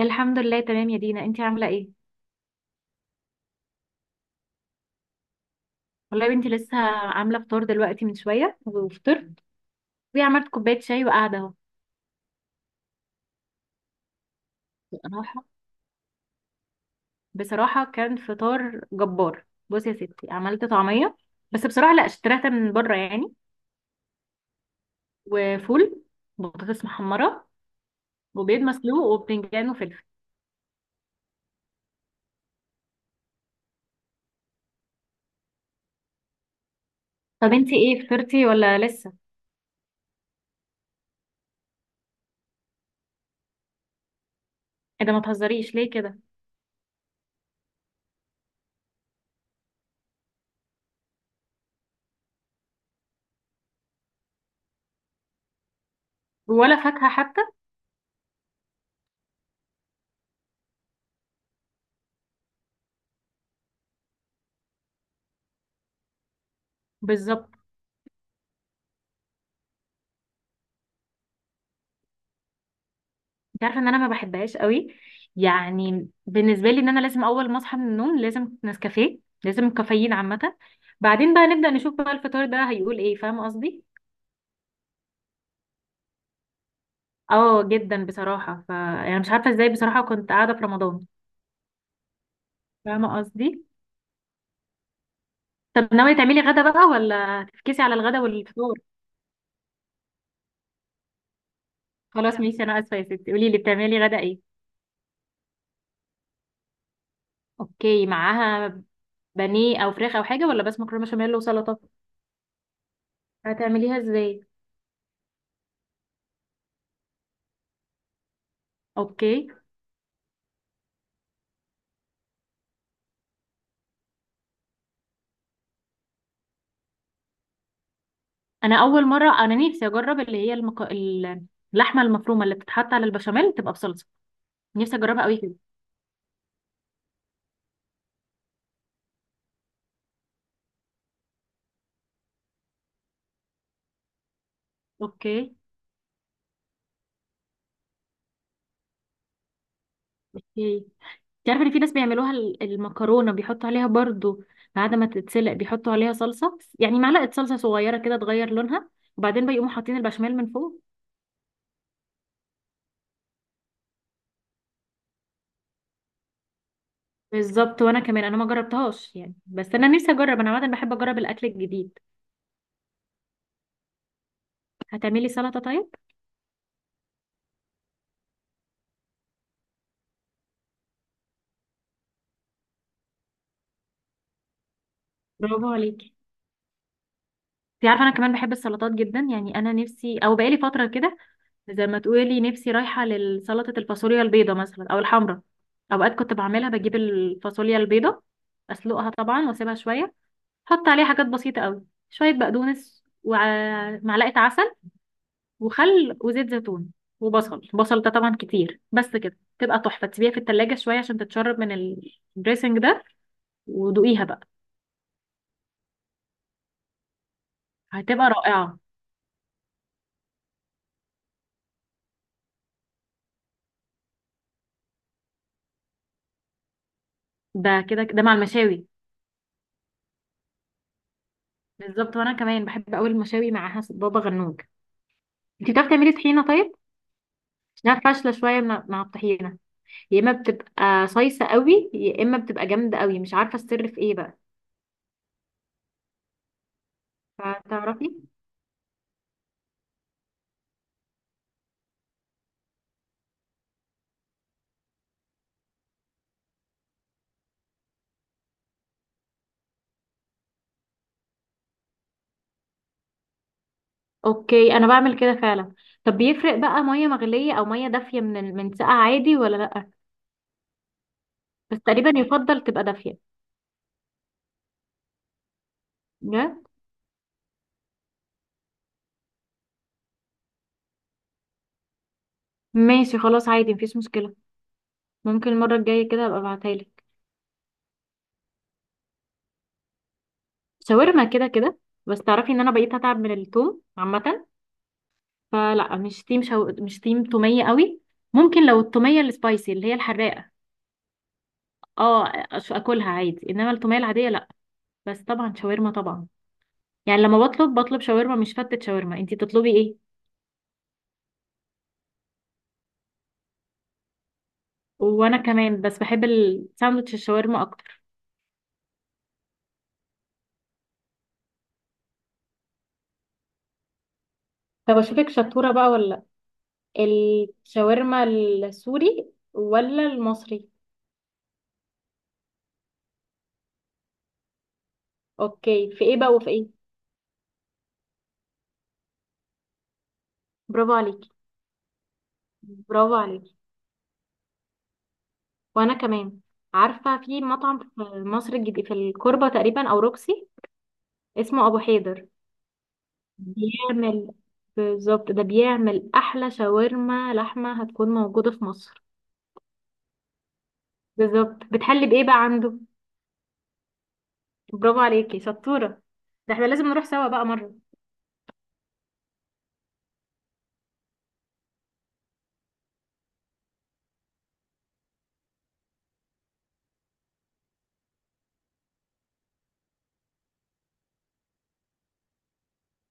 الحمد لله، تمام يا دينا. انتي عامله ايه؟ والله يا بنتي لسه عامله فطار دلوقتي من شويه وفطرت وعملت كوبايه شاي وقاعده اهو. بصراحه بصراحه كان فطار جبار. بصي يا ستي، عملت طعميه، بس بصراحه لا اشتريتها من بره يعني، وفول، بطاطس محمره، وبيض مسلوق وبتنجان وفلفل. طب انتي ايه فطرتي ولا لسه؟ ايه ده، ما تهزريش ليه كده؟ ولا فاكهه حتى؟ بالظبط. انت عارفه ان انا ما بحبهاش قوي. يعني بالنسبه لي ان انا لازم اول ما اصحى من النوم لازم نسكافيه، لازم كافيين عامه، بعدين بقى نبدا نشوف بقى الفطار ده هيقول ايه، فاهمه قصدي؟ اه جدا بصراحه. ف يعني مش عارفه ازاي بصراحه، كنت قاعده في رمضان. فاهمه قصدي؟ طب ناويه تعملي غدا بقى ولا هتفكسي على الغدا والفطار؟ خلاص ماشي، انا اسفه يا ستي. قولي لي بتعملي غدا ايه؟ اوكي، معاها بانيه او فراخ او حاجه ولا بس مكرونه بشاميل وسلطه؟ هتعمليها ازاي؟ اوكي. انا اول مره نفسي اجرب اللي هي اللحمه المفرومه اللي بتتحط على البشاميل تبقى بصلصه. نفسي اجربها قوي كده. اوكي. اوكي. تعرف ان في ناس بيعملوها، المكرونه بيحطوا عليها برضو بعد ما تتسلق، بيحطوا عليها صلصه، يعني معلقه صلصه صغيره كده تغير لونها، وبعدين بيقوموا حاطين البشاميل من فوق. بالظبط. وانا كمان انا ما جربتهاش يعني، بس انا نفسي اجرب. انا عاده بحب اجرب الاكل الجديد. هتعملي سلطه طيب؟ برافو عليكي. انت عارفه انا كمان بحب السلطات جدا يعني. انا نفسي، او بقالي فتره كده، زي ما تقولي نفسي رايحة لسلطة الفاصوليا البيضة مثلا أو الحمرا. أوقات كنت بعملها، بجيب الفاصوليا البيضة، أسلقها طبعا وأسيبها شوية، أحط عليها حاجات بسيطة قوي، شوية بقدونس ومعلقة عسل وخل وزيت زيتون، وبصل. بصل ده طبعا كتير، بس كده تبقى تحفة. تسيبيها في التلاجة شوية عشان تتشرب من الدريسنج ده، ودوقيها بقى. هتبقى رائعة. ده كده ده مع المشاوي. بالظبط، وأنا كمان بحب أوي المشاوي مع بابا غنوج. انتي بتعرفي تعملي طحينة طيب؟ لا، فاشلة شوية مع الطحينة. يا إما بتبقى صيصة قوي يا إما بتبقى جامدة قوي، مش عارفة السر في إيه بقى. فتعرفي. أوكي، أنا بعمل كده فعلا. طب بيفرق بقى مية مغلية أو مية دافية من من ساقعة عادي ولا لأ؟ بس تقريبا يفضل تبقى دافية. لا. ماشي خلاص عادي، مفيش مشكلة. ممكن المرة الجاية كده أبقى أبعتها لك. شاورما كده كده. بس تعرفي إن أنا بقيت أتعب من التوم عامة، فلا، مش تيم تومية قوي. ممكن لو التومية السبايسي اللي هي الحراقة، اه، اكلها عادي، انما التوميه العاديه لا. بس طبعا شاورما، طبعا. يعني لما بطلب، بطلب شاورما مش فتة شاورما. انتي بتطلبي ايه؟ وانا كمان، بس بحب الساندوتش الشاورما اكتر. طب اشوفك شطوره بقى ولا لا، الشاورما السوري ولا المصري؟ اوكي، في ايه بقى وفي ايه؟ برافو عليكي. برافو عليكي. وانا كمان. عارفه في مطعم في مصر الجديد، في الكوربه تقريبا او روكسي، اسمه ابو حيدر. بيعمل، بالظبط ده بيعمل احلى شاورما لحمه هتكون موجوده في مصر. بالظبط. بتحلي بايه بقى عنده؟ برافو عليكي شطوره. ده احنا لازم نروح سوا بقى مره.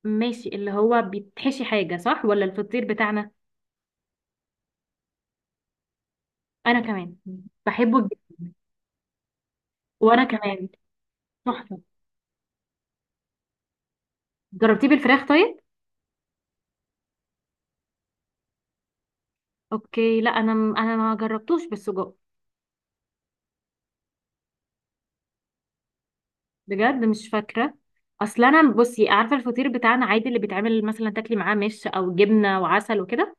ماشي، اللي هو بيتحشي حاجه، صح، ولا الفطير بتاعنا؟ انا كمان بحبه جدا. وانا كمان. تحفه. جربتيه بالفراخ طيب؟ اوكي، لا انا ما جربتوش بالسجق. بجد مش فاكره. اصل انا، بصي، عارفه الفطير بتاعنا عادي اللي بيتعمل مثلا تاكلي معاه مش او جبنه وعسل وكده،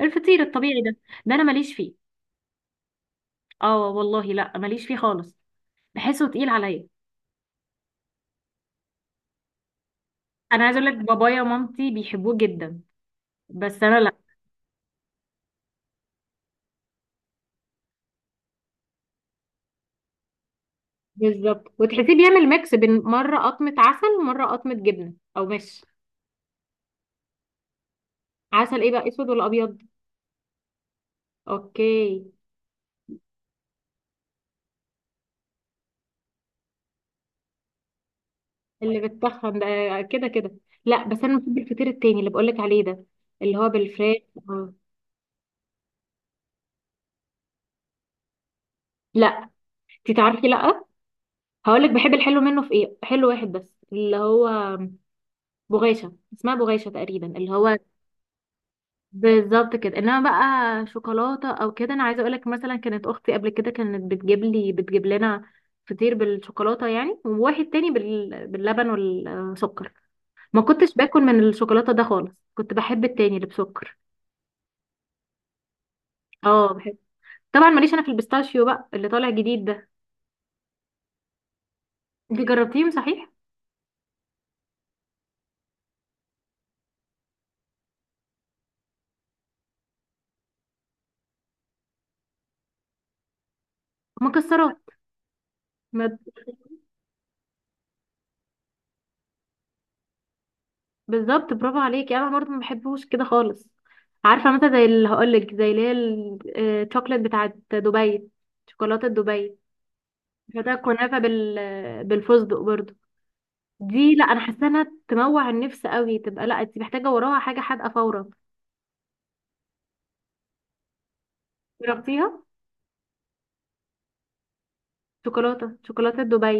الفطير الطبيعي ده، ده انا ماليش فيه. اه والله، لا ماليش فيه خالص. بحسه تقيل عليا. انا عايزه اقول لك، بابايا ومامتي بيحبوه جدا، بس انا لا. بالظبط، وتحسيه بيعمل ميكس بين مرة قطمة عسل ومرة قطمة جبنة أو مش. عسل. إيه بقى، أسود ولا أبيض؟ أوكي. اللي بتخن ده، كده كده. لا بس أنا بحب الفطير التاني اللي بقولك عليه ده، اللي هو بالفراخ. آه. لا. انتي تعرفي، لا. هقولك بحب الحلو منه في إيه، حلو واحد بس، اللي هو بغاشة، اسمها بغاشة تقريبا، اللي هو. بالظبط كده. انما بقى شوكولاته او كده، انا عايزه اقولك مثلا كانت اختي قبل كده كانت بتجيب لنا فطير بالشوكولاته يعني، وواحد تاني باللبن والسكر. ما كنتش باكل من الشوكولاته ده خالص، كنت بحب التاني اللي بسكر. اه بحب. طبعا ماليش انا في البيستاشيو بقى اللي طالع جديد ده. انت جربتيه صحيح؟ مكسرات. ما... بالظبط، برافو عليكي، انا برضه ما بحبوش كده خالص. عارفه مثلا زي اللي هقولك، زي اللي هي الشوكليت بتاعت دبي، شوكولاته دبي. فتاة كنافة بالفستق برضو. دي لا، انا حاسه انها تموع النفس قوي، تبقى لا، انت محتاجه وراها حاجه حادقه فورا. جربتيها؟ شوكولاته، شوكولاته دبي.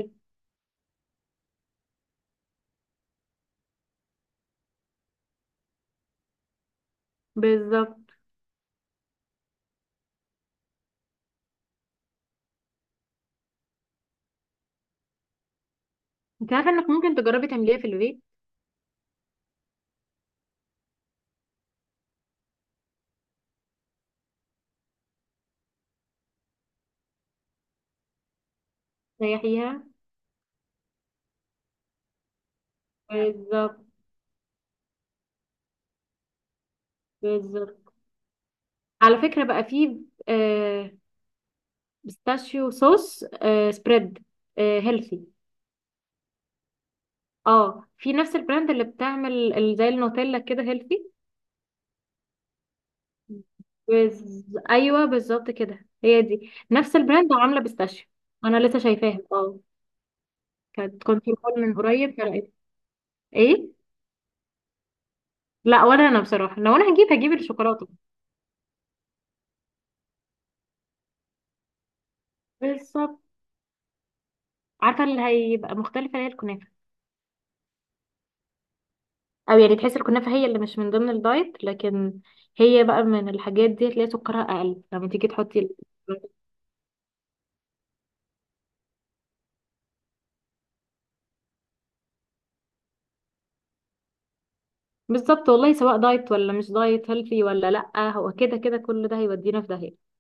بالظبط. انت عارفه انك ممكن تجربي تعمليها في البيت؟ تريحيها. بالظبط. بالظبط. على فكره بقى في، آه، بيستاشيو صوص، آه، سبريد، آه، هيلثي. اه في نفس البراند اللي بتعمل زي النوتيلا كده، هيلثي. بز... ايوه بالظبط كده، هي دي نفس البراند عامله بيستاشيو. انا لسه شايفاها اه. كنت في المول من قريب، فرقت. ايه؟ لا، ولا انا بصراحه، لو انا هجيب الشوكولاته. بالظبط. عارفه اللي هيبقى مختلفه هي الكنافه. او يعني تحس الكنافه هي اللي مش من ضمن الدايت، لكن هي بقى من الحاجات دي تلاقي سكرها اقل لما تيجي تحطي بالظبط، والله سواء دايت ولا مش دايت، هيلثي ولا لا، هو كده كده كل ده هيودينا في داهيه.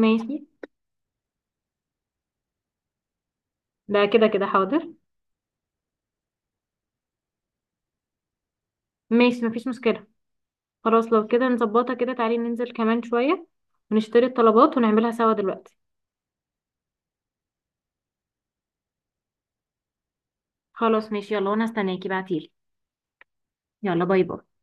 ماشي. ده كده كده حاضر. ماشي مفيش مشكله. خلاص، لو كده نظبطها كده. تعالي ننزل كمان شوية ونشتري الطلبات ونعملها سوا دلوقتي. خلاص ماشي يلا، وانا هستناكي. بعتيلي. يلا، باي باي.